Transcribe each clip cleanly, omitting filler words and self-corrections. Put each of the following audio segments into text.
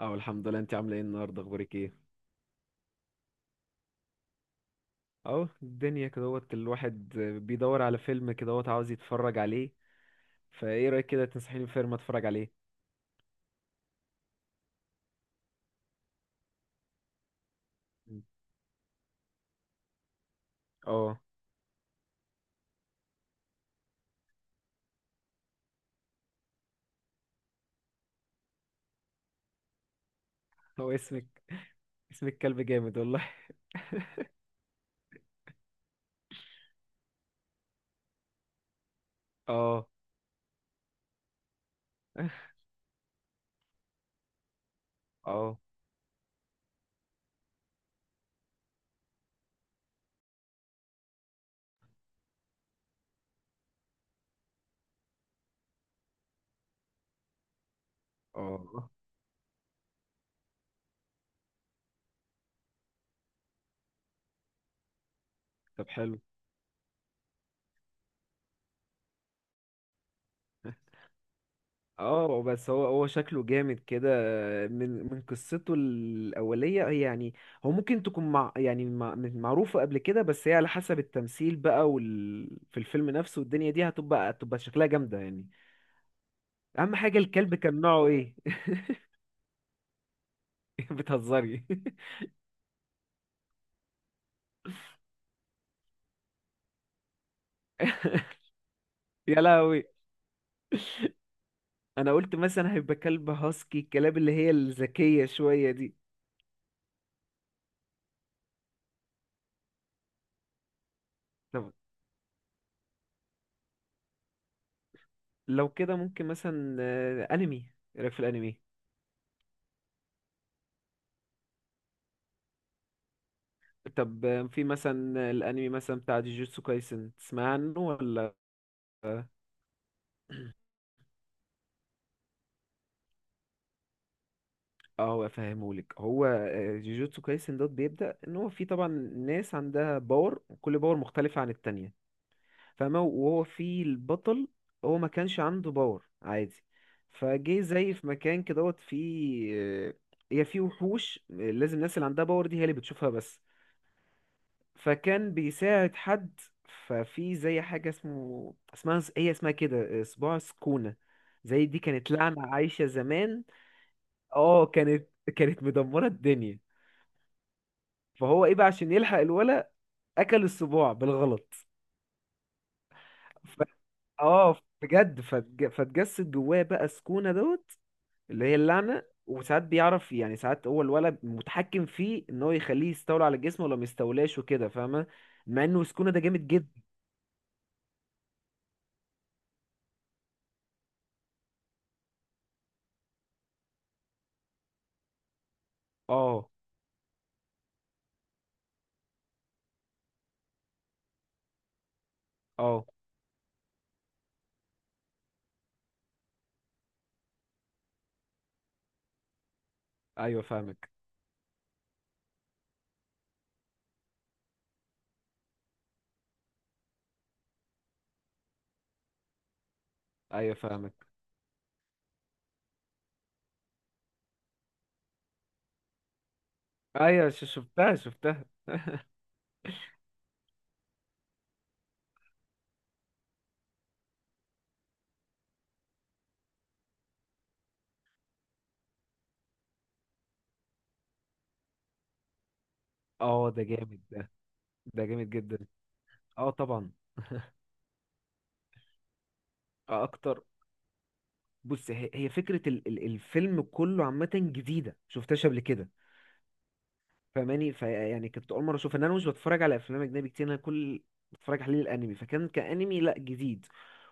اه، الحمد لله. انت عامله ايه النهارده؟ اخبارك ايه؟ اهو الدنيا كدهوت الواحد بيدور على فيلم كدهوت عاوز يتفرج عليه. فايه رايك كده تنصحيني بفيلم اتفرج عليه؟ مم. اه، هو اسمك كلب جامد والله. اه. اه، اه، طب حلو. اه، بس هو شكله جامد كده، من قصته الأولية، هي يعني هو ممكن تكون مع، يعني مع معروفة قبل كده، بس هي على حسب التمثيل بقى وال في الفيلم نفسه، والدنيا دي هتبقى شكلها جامدة يعني. اهم حاجه الكلب كان نوعه ايه؟ بتهزري؟ يا لهوي. انا قلت مثلا هيبقى كلب هاسكي، الكلاب اللي هي الذكيه شويه دي. طب لو كده ممكن مثلا انمي. ايه رايك في الانمي؟ طب، في مثلا الانمي مثلا بتاع جوجوتسو كايسن، تسمع عنه ولا؟ اه. هو افهمهولك، هو جوجوتسو كايسن دوت بيبدأ ان هو في طبعا ناس عندها باور، وكل باور مختلفه عن التانية. فاهمة؟ وهو في البطل، هو ما كانش عنده باور عادي، فجه زي في مكان كده دوت فيه. هي فيه وحوش، لازم الناس اللي عندها باور دي هي اللي بتشوفها بس. فكان بيساعد حد. ففي زي حاجة اسمها كده صباع سكونة. زي دي كانت لعنة عايشة زمان. اه، كانت مدمرة الدنيا. فهو ايه بقى عشان يلحق الولا، اكل الصباع بالغلط. ف... اه بجد، فتجسد جواه بقى سكونة دوت، اللي هي اللعنة. وساعات بيعرف يعني، ساعات هو الولد متحكم فيه ان هو يخليه يستولى على جسمه ولا ما يستولاش وكده، فاهمة؟ مع انه سكونة ده جامد جدا. اه. اه، ايوه فاهمك. ايوه فاهمك. ايوه، شفتها. اه ده جامد. ده ده جامد جدا. اه طبعا. آه اكتر. بص، هي فكرة ال الفيلم كله عامة، جديدة شفتهاش قبل كده. فماني فيعني كنت اول مره اشوف ان انا مش بتفرج على افلام اجنبي كتير، انا كل بتفرج عليه الانمي، فكان كانمي لا جديد.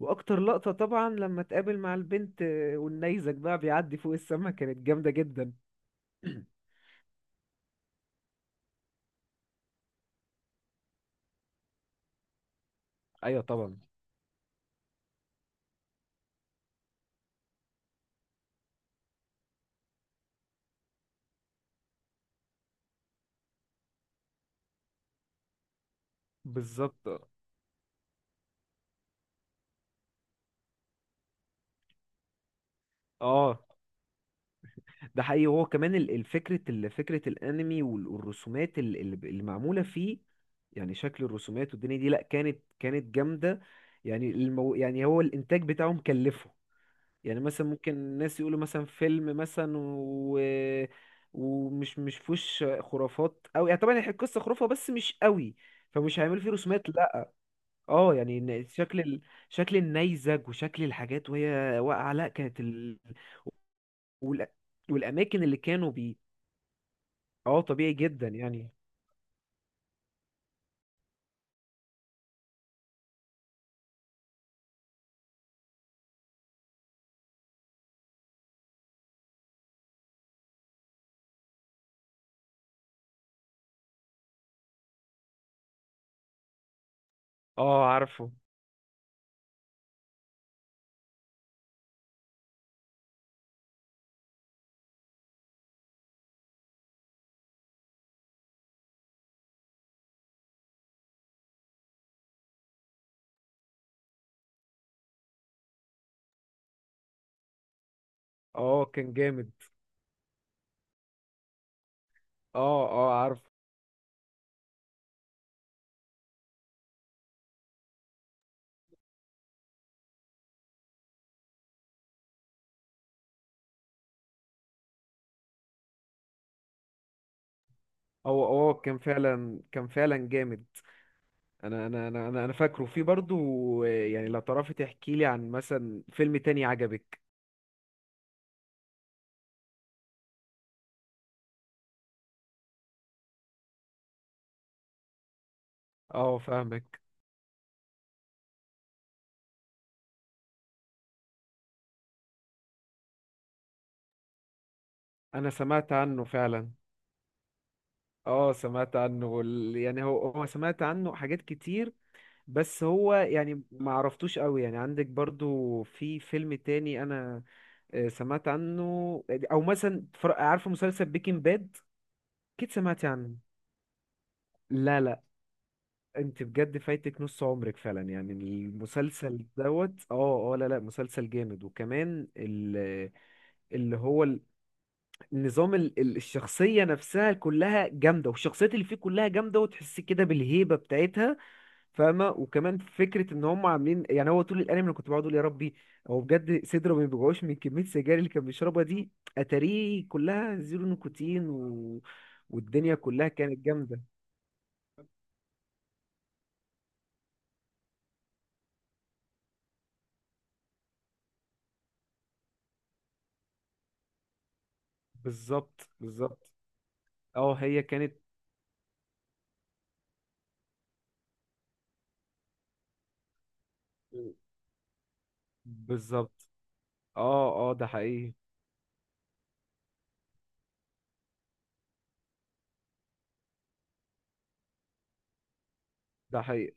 واكتر لقطه طبعا لما اتقابل مع البنت والنيزك بقى بيعدي فوق السما، كانت جامده جدا. ايوه طبعا. بالظبط. اه ده حقيقي. هو كمان الفكرة، فكرة الانمي والرسومات اللي معمولة فيه. يعني شكل الرسومات والدنيا دي، لا، كانت جامدة. يعني يعني هو الانتاج بتاعه مكلفه. يعني مثلا ممكن الناس يقولوا مثلا فيلم مثلا ومش مش فيهوش خرافات قوي يعني، طبعا هي القصه خرافه بس مش قوي، فمش هيعملوا فيه رسومات، لا. اه يعني إن شكل النيزك وشكل الحاجات وهي واقعه، لا كانت وال... والاماكن اللي كانوا بيه. اه طبيعي جدا يعني. اه عارفه. اه كان جامد. اه، اه عارفه. هو، اه كان فعلا جامد. انا فاكره في برضو، يعني لو تعرفي تحكي لي عن مثلا فيلم تاني عجبك. اه فاهمك. انا سمعت عنه فعلا. اه سمعت عنه يعني هو سمعت عنه حاجات كتير، بس هو يعني ما عرفتوش قوي يعني. عندك برضو في فيلم تاني انا سمعت عنه؟ او مثلا عارفه مسلسل بيكنج باد، اكيد سمعتي عنه. لا، لا، انت بجد فايتك نص عمرك فعلا يعني، المسلسل دوت، اه، اه، لا، لا، مسلسل جامد. وكمان اللي هو ال- النظام الشخصية نفسها كلها جامدة، والشخصيات اللي فيه كلها جامدة، وتحس كده بالهيبة بتاعتها. فاهمة؟ وكمان فكرة ان هم عاملين يعني، هو طول الانمي انا كنت بقعد اقول يا ربي، هو بجد صدره ما بيوجعوش من كمية السجاير اللي كان بيشربها دي، اتاريه كلها زيرو نيكوتين. والدنيا كلها كانت جامدة. بالظبط، بالظبط. اه هي كانت. بالظبط. اه، اه ده حقيقي. ده حقيقي.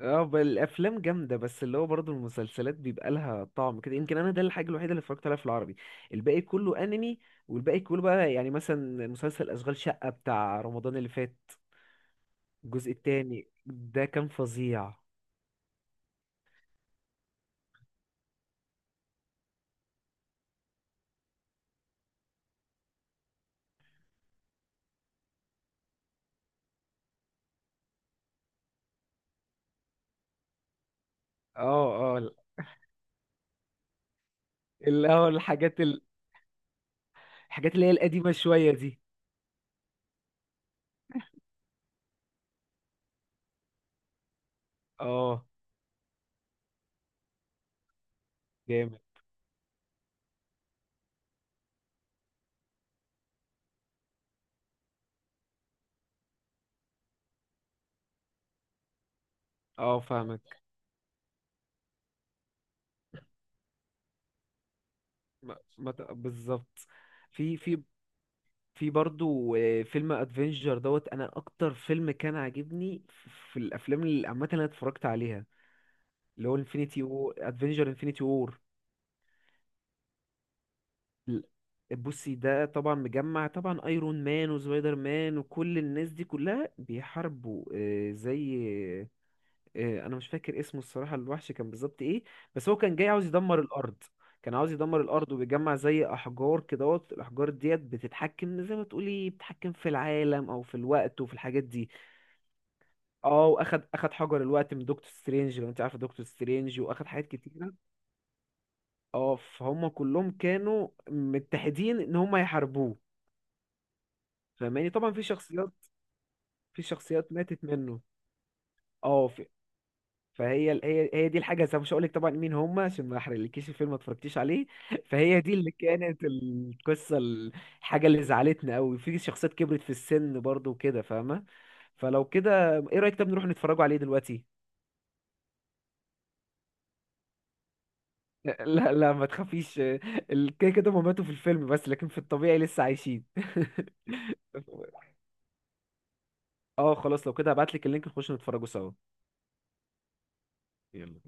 اه، الافلام جامده، بس اللي هو برضه المسلسلات بيبقى لها طعم كده، يمكن انا ده الحاجه الوحيده اللي اتفرجت عليها في العربي، الباقي كله انمي. والباقي كله بقى يعني مثلا مسلسل اشغال شقه بتاع رمضان اللي فات، الجزء التاني ده كان فظيع. اه، اه، اللي هو الحاجات الحاجات اللي هي القديمه شويه دي. اه جامد. اه فاهمك. ما... ما... ت- بالظبط. في في برضو، فيلم ادفنجر دوت. انا اكتر فيلم كان عاجبني في الافلام اللي عامه اللي انا اتفرجت عليها، اللي هو انفينيتي و ادفنجر انفينيتي وور. بصي، ده طبعا مجمع طبعا، ايرون مان وسبايدر مان وكل الناس دي كلها بيحاربوا زي، انا مش فاكر اسمه الصراحة، الوحش كان بالظبط ايه. بس هو كان جاي عاوز يدمر الارض، كان عاوز يدمر الارض، وبيجمع زي احجار كدهوت، الاحجار ديت بتتحكم، زي ما تقولي بتتحكم في العالم او في الوقت وفي الحاجات دي. اه، واخد حجر الوقت من دكتور سترينج، لو انت عارف دكتور سترينج، واخد حاجات كتيره. اه، فهم كلهم كانوا متحدين ان هم يحاربوه. فاهماني؟ طبعا في شخصيات، في شخصيات ماتت منه. اه، فهي هي هي دي الحاجه، زي، مش هقول لك طبعا مين هم، عشان ما احرقلكيش الفيلم ما اتفرجتيش عليه. فهي دي اللي كانت القصه، الحاجه اللي زعلتنا قوي في شخصيات كبرت في السن برضو وكده، فاهمه؟ فلو كده، ايه رايك؟ طب نروح نتفرجوا عليه دلوقتي. لا، لا، ما تخافيش. كده كده هما ماتوا في الفيلم بس، لكن في الطبيعي لسه عايشين. اه خلاص، لو كده هبعتلك اللينك نخش نتفرجوا سوا. يلا